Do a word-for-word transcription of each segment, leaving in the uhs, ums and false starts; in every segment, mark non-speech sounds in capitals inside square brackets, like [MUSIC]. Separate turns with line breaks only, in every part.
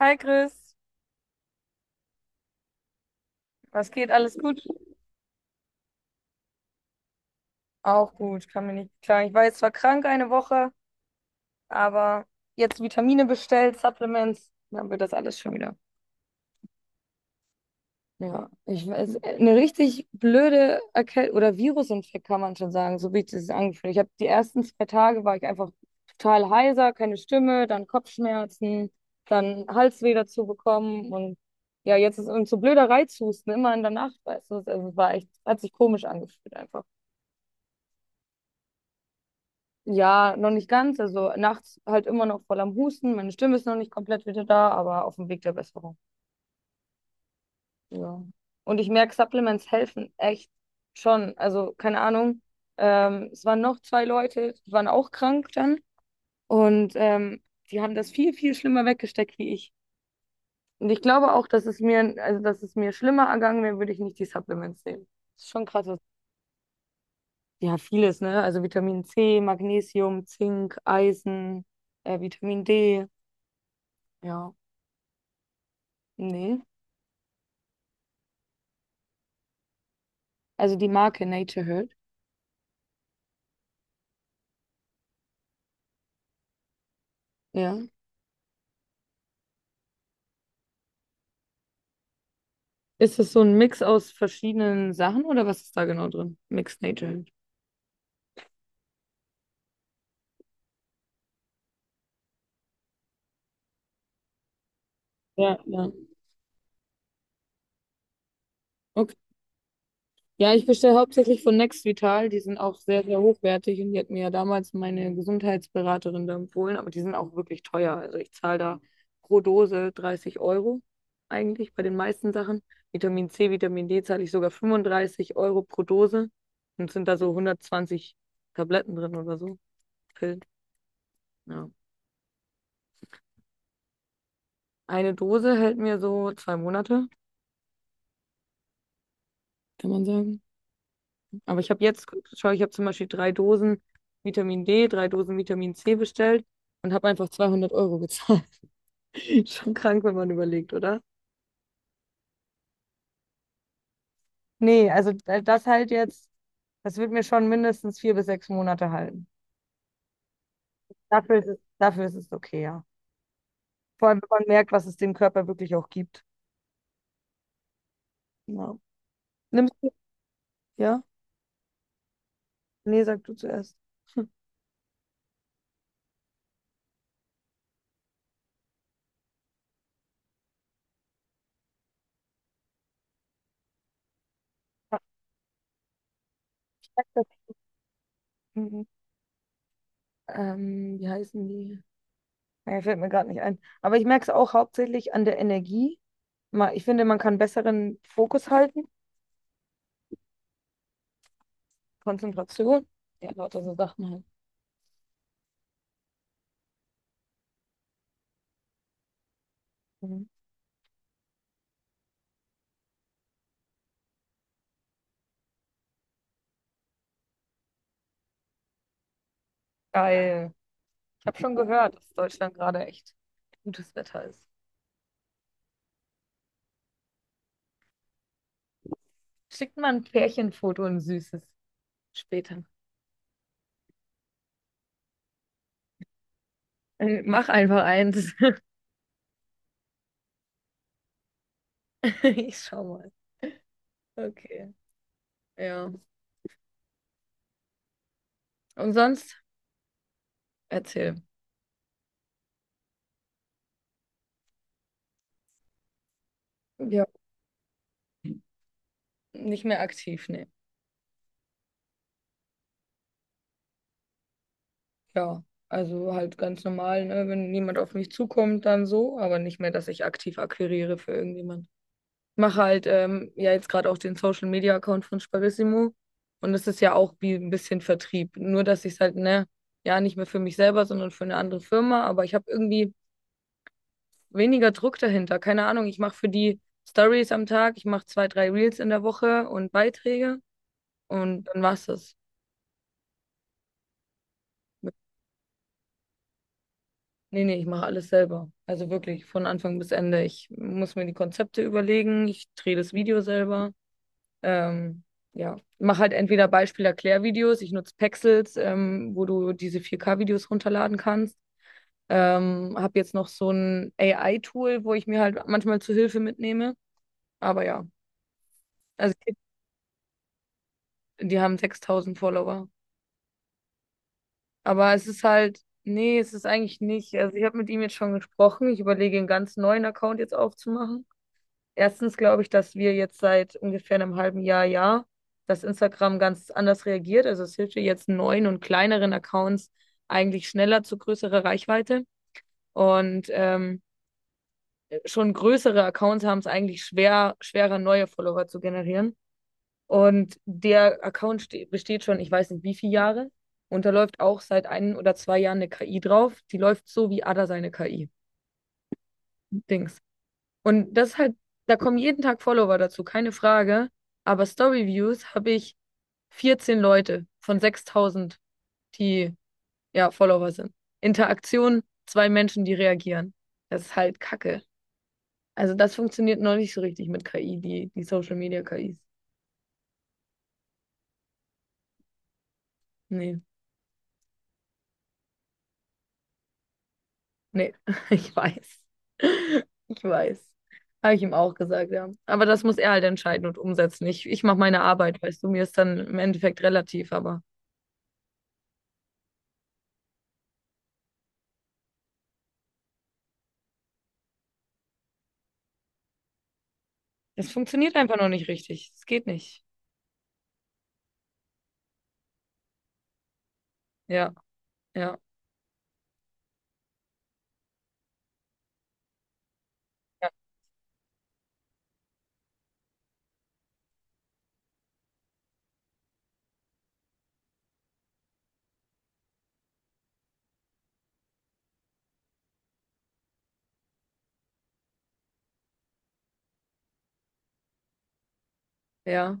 Hi Chris, was geht? Alles gut? Auch gut, kann mir nicht klagen. Ich war jetzt zwar krank eine Woche, aber jetzt Vitamine bestellt, Supplements, dann wird das alles schon wieder. Ja, ich weiß, eine richtig blöde Erkältung oder Virusinfekt kann man schon sagen, so wie ich das angefühlt. Ich habe die ersten zwei Tage war ich einfach total heiser, keine Stimme, dann Kopfschmerzen, dann Halsweh dazu bekommen und ja, jetzt ist und so blöder Reizhusten immer in der Nacht, weißt du, also es war echt, hat sich komisch angefühlt einfach. Ja, noch nicht ganz. Also nachts halt immer noch voll am Husten. Meine Stimme ist noch nicht komplett wieder da, aber auf dem Weg der Besserung. Ja. Und ich merke, Supplements helfen echt schon. Also keine Ahnung. Ähm, es waren noch zwei Leute, die waren auch krank dann. Und ähm, die haben das viel, viel schlimmer weggesteckt wie ich. Und ich glaube auch, dass es mir, also dass es mir schlimmer ergangen wäre, würde ich nicht die Supplements nehmen. Das ist schon krass. was- Ja, vieles, ne? Also Vitamin C, Magnesium, Zink, Eisen, äh, Vitamin D. Ja. Nee. Also die Marke Nature Hurt. Ja. Ist das so ein Mix aus verschiedenen Sachen oder was ist da genau drin? Mix Nature Herd. Ja, ja. Okay. Ja, ich bestelle hauptsächlich von Next Vital. Die sind auch sehr, sehr hochwertig und die hat mir ja damals meine Gesundheitsberaterin da empfohlen, aber die sind auch wirklich teuer. Also ich zahle da pro Dose dreißig Euro eigentlich bei den meisten Sachen. Vitamin C, Vitamin D zahle ich sogar fünfunddreißig Euro pro Dose und sind da so hundertzwanzig Tabletten drin oder so. Pillen. Ja. Eine Dose hält mir so zwei Monate, kann man sagen. Aber ich habe jetzt, schau, ich habe zum Beispiel drei Dosen Vitamin D, drei Dosen Vitamin C bestellt und habe einfach zweihundert Euro gezahlt. [LAUGHS] Schon krank, wenn man überlegt, oder? Nee, also da- das halt jetzt, das wird mir schon mindestens vier bis sechs Monate halten. Dafür ist es, dafür ist es okay, ja. Vor allem, wenn man merkt, was es dem Körper wirklich auch gibt. Ja. Nimmst du? Ja? Nee, sag du zuerst. Mhm. Ähm, wie heißen die? Ja, fällt mir gerade nicht ein. Aber ich merke es auch hauptsächlich an der Energie. Ma- Ich finde, man kann besseren Fokus halten, Konzentration. Ja, lauter so Sachen halt. Mhm. Geil. Ich habe schon gehört, dass Deutschland gerade echt gutes Wetter ist. Schickt mal ein Pärchenfoto und ein süßes später. Äh, Mach einfach eins. [LAUGHS] Ich schau mal. Okay. Ja. Und sonst? Erzähl. Ja. Nicht mehr aktiv, ne? Ja, also halt ganz normal, ne? Wenn niemand auf mich zukommt, dann so, aber nicht mehr, dass ich aktiv akquiriere für irgendjemand. Mache halt ähm, ja jetzt gerade auch den Social Media Account von Sparissimo und das ist ja auch wie ein bisschen Vertrieb, nur dass ich es halt, ne, ja, nicht mehr für mich selber, sondern für eine andere Firma, aber ich habe irgendwie weniger Druck dahinter. Keine Ahnung, ich mache für die Stories am Tag, ich mache zwei, drei Reels in der Woche und Beiträge und dann war's das. Nee, nee, ich mache alles selber. Also wirklich von Anfang bis Ende. Ich muss mir die Konzepte überlegen, ich drehe das Video selber. Ähm, ja, mache halt entweder Beispiel-Erklärvideos, ich nutze Pexels, ähm, wo du diese vier K-Videos runterladen kannst. Ähm, habe jetzt noch so ein A I-Tool, wo ich mir halt manchmal zu Hilfe mitnehme. Aber ja, also ich- die haben sechstausend Follower. Aber es ist halt, nee, es ist eigentlich nicht. Also ich habe mit ihm jetzt schon gesprochen. Ich überlege, einen ganz neuen Account jetzt aufzumachen. Erstens glaube ich, dass wir jetzt seit ungefähr einem halben Jahr, ja, dass Instagram ganz anders reagiert. Also es hilft dir jetzt neuen und kleineren Accounts eigentlich schneller zu größerer Reichweite. Und ähm, schon größere Accounts haben es eigentlich schwer, schwerer, neue Follower zu generieren. Und der Account ste- besteht schon, ich weiß nicht wie viele Jahre. Und da läuft auch seit ein oder zwei Jahren eine K I drauf. Die läuft so wie Ada seine K I-Dings. Und das ist halt, da kommen jeden Tag Follower dazu, keine Frage. Aber Story-Views habe ich vierzehn Leute von sechstausend, die ja Follower sind. Interaktion, zwei Menschen, die reagieren. Das ist halt Kacke. Also das funktioniert noch nicht so richtig mit K I, die, die Social Media K Is. Nee, nee, [LAUGHS] ich weiß. [LAUGHS] Ich weiß. Habe ich ihm auch gesagt, ja. Aber das muss er halt entscheiden und umsetzen. Ich, ich mache meine Arbeit, weißt du, mir ist dann im Endeffekt relativ, aber. Das funktioniert einfach noch nicht richtig. Es geht nicht. Ja, ja, ja, ja,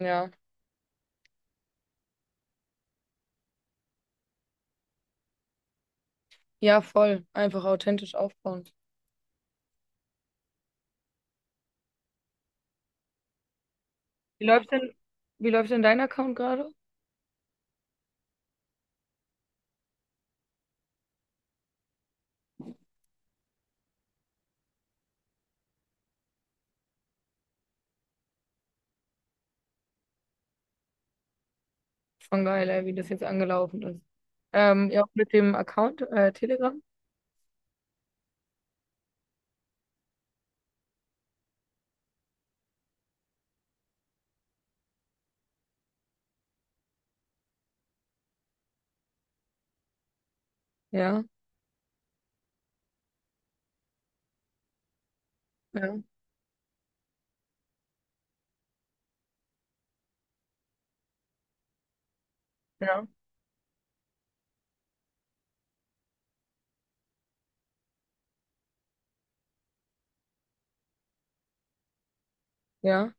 ja. Ja, voll. Einfach authentisch aufbauen. Wie läuft denn, wie läuft denn dein Account gerade? Schon geil, ey, wie das jetzt angelaufen ist. Ähm, ja, auch mit dem Account, äh, Telegram. Ja, ja, ja, ja,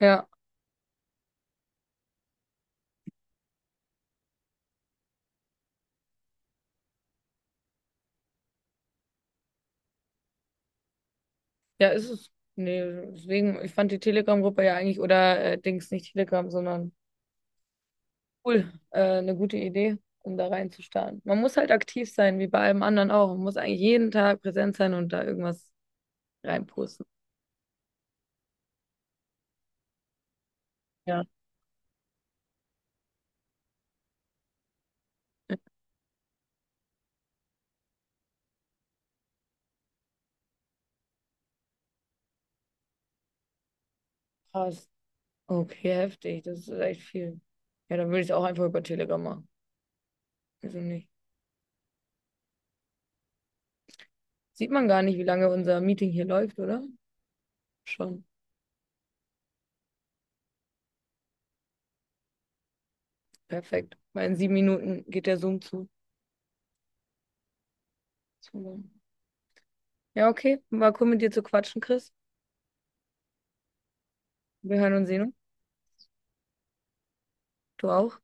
ja. Ja, ist es. Nee, deswegen, ich fand die Telegram-Gruppe ja eigentlich, oder äh, Dings, nicht Telegram, sondern Cool, äh, eine gute Idee, um da reinzustarten. Man muss halt aktiv sein, wie bei allem anderen auch. Man muss eigentlich jeden Tag präsent sein und da irgendwas reinposten. Ja, krass. Okay, heftig. Das ist echt viel. Ja, dann würde ich es auch einfach über Telegram machen. Wieso nicht? Sieht man gar nicht, wie lange unser Meeting hier läuft, oder? Schon. Perfekt. Weil in sieben Minuten geht der Zoom zu. So. Ja, okay. War cool mit dir zu quatschen, Chris. Wir hören und sehen uns. Du auch.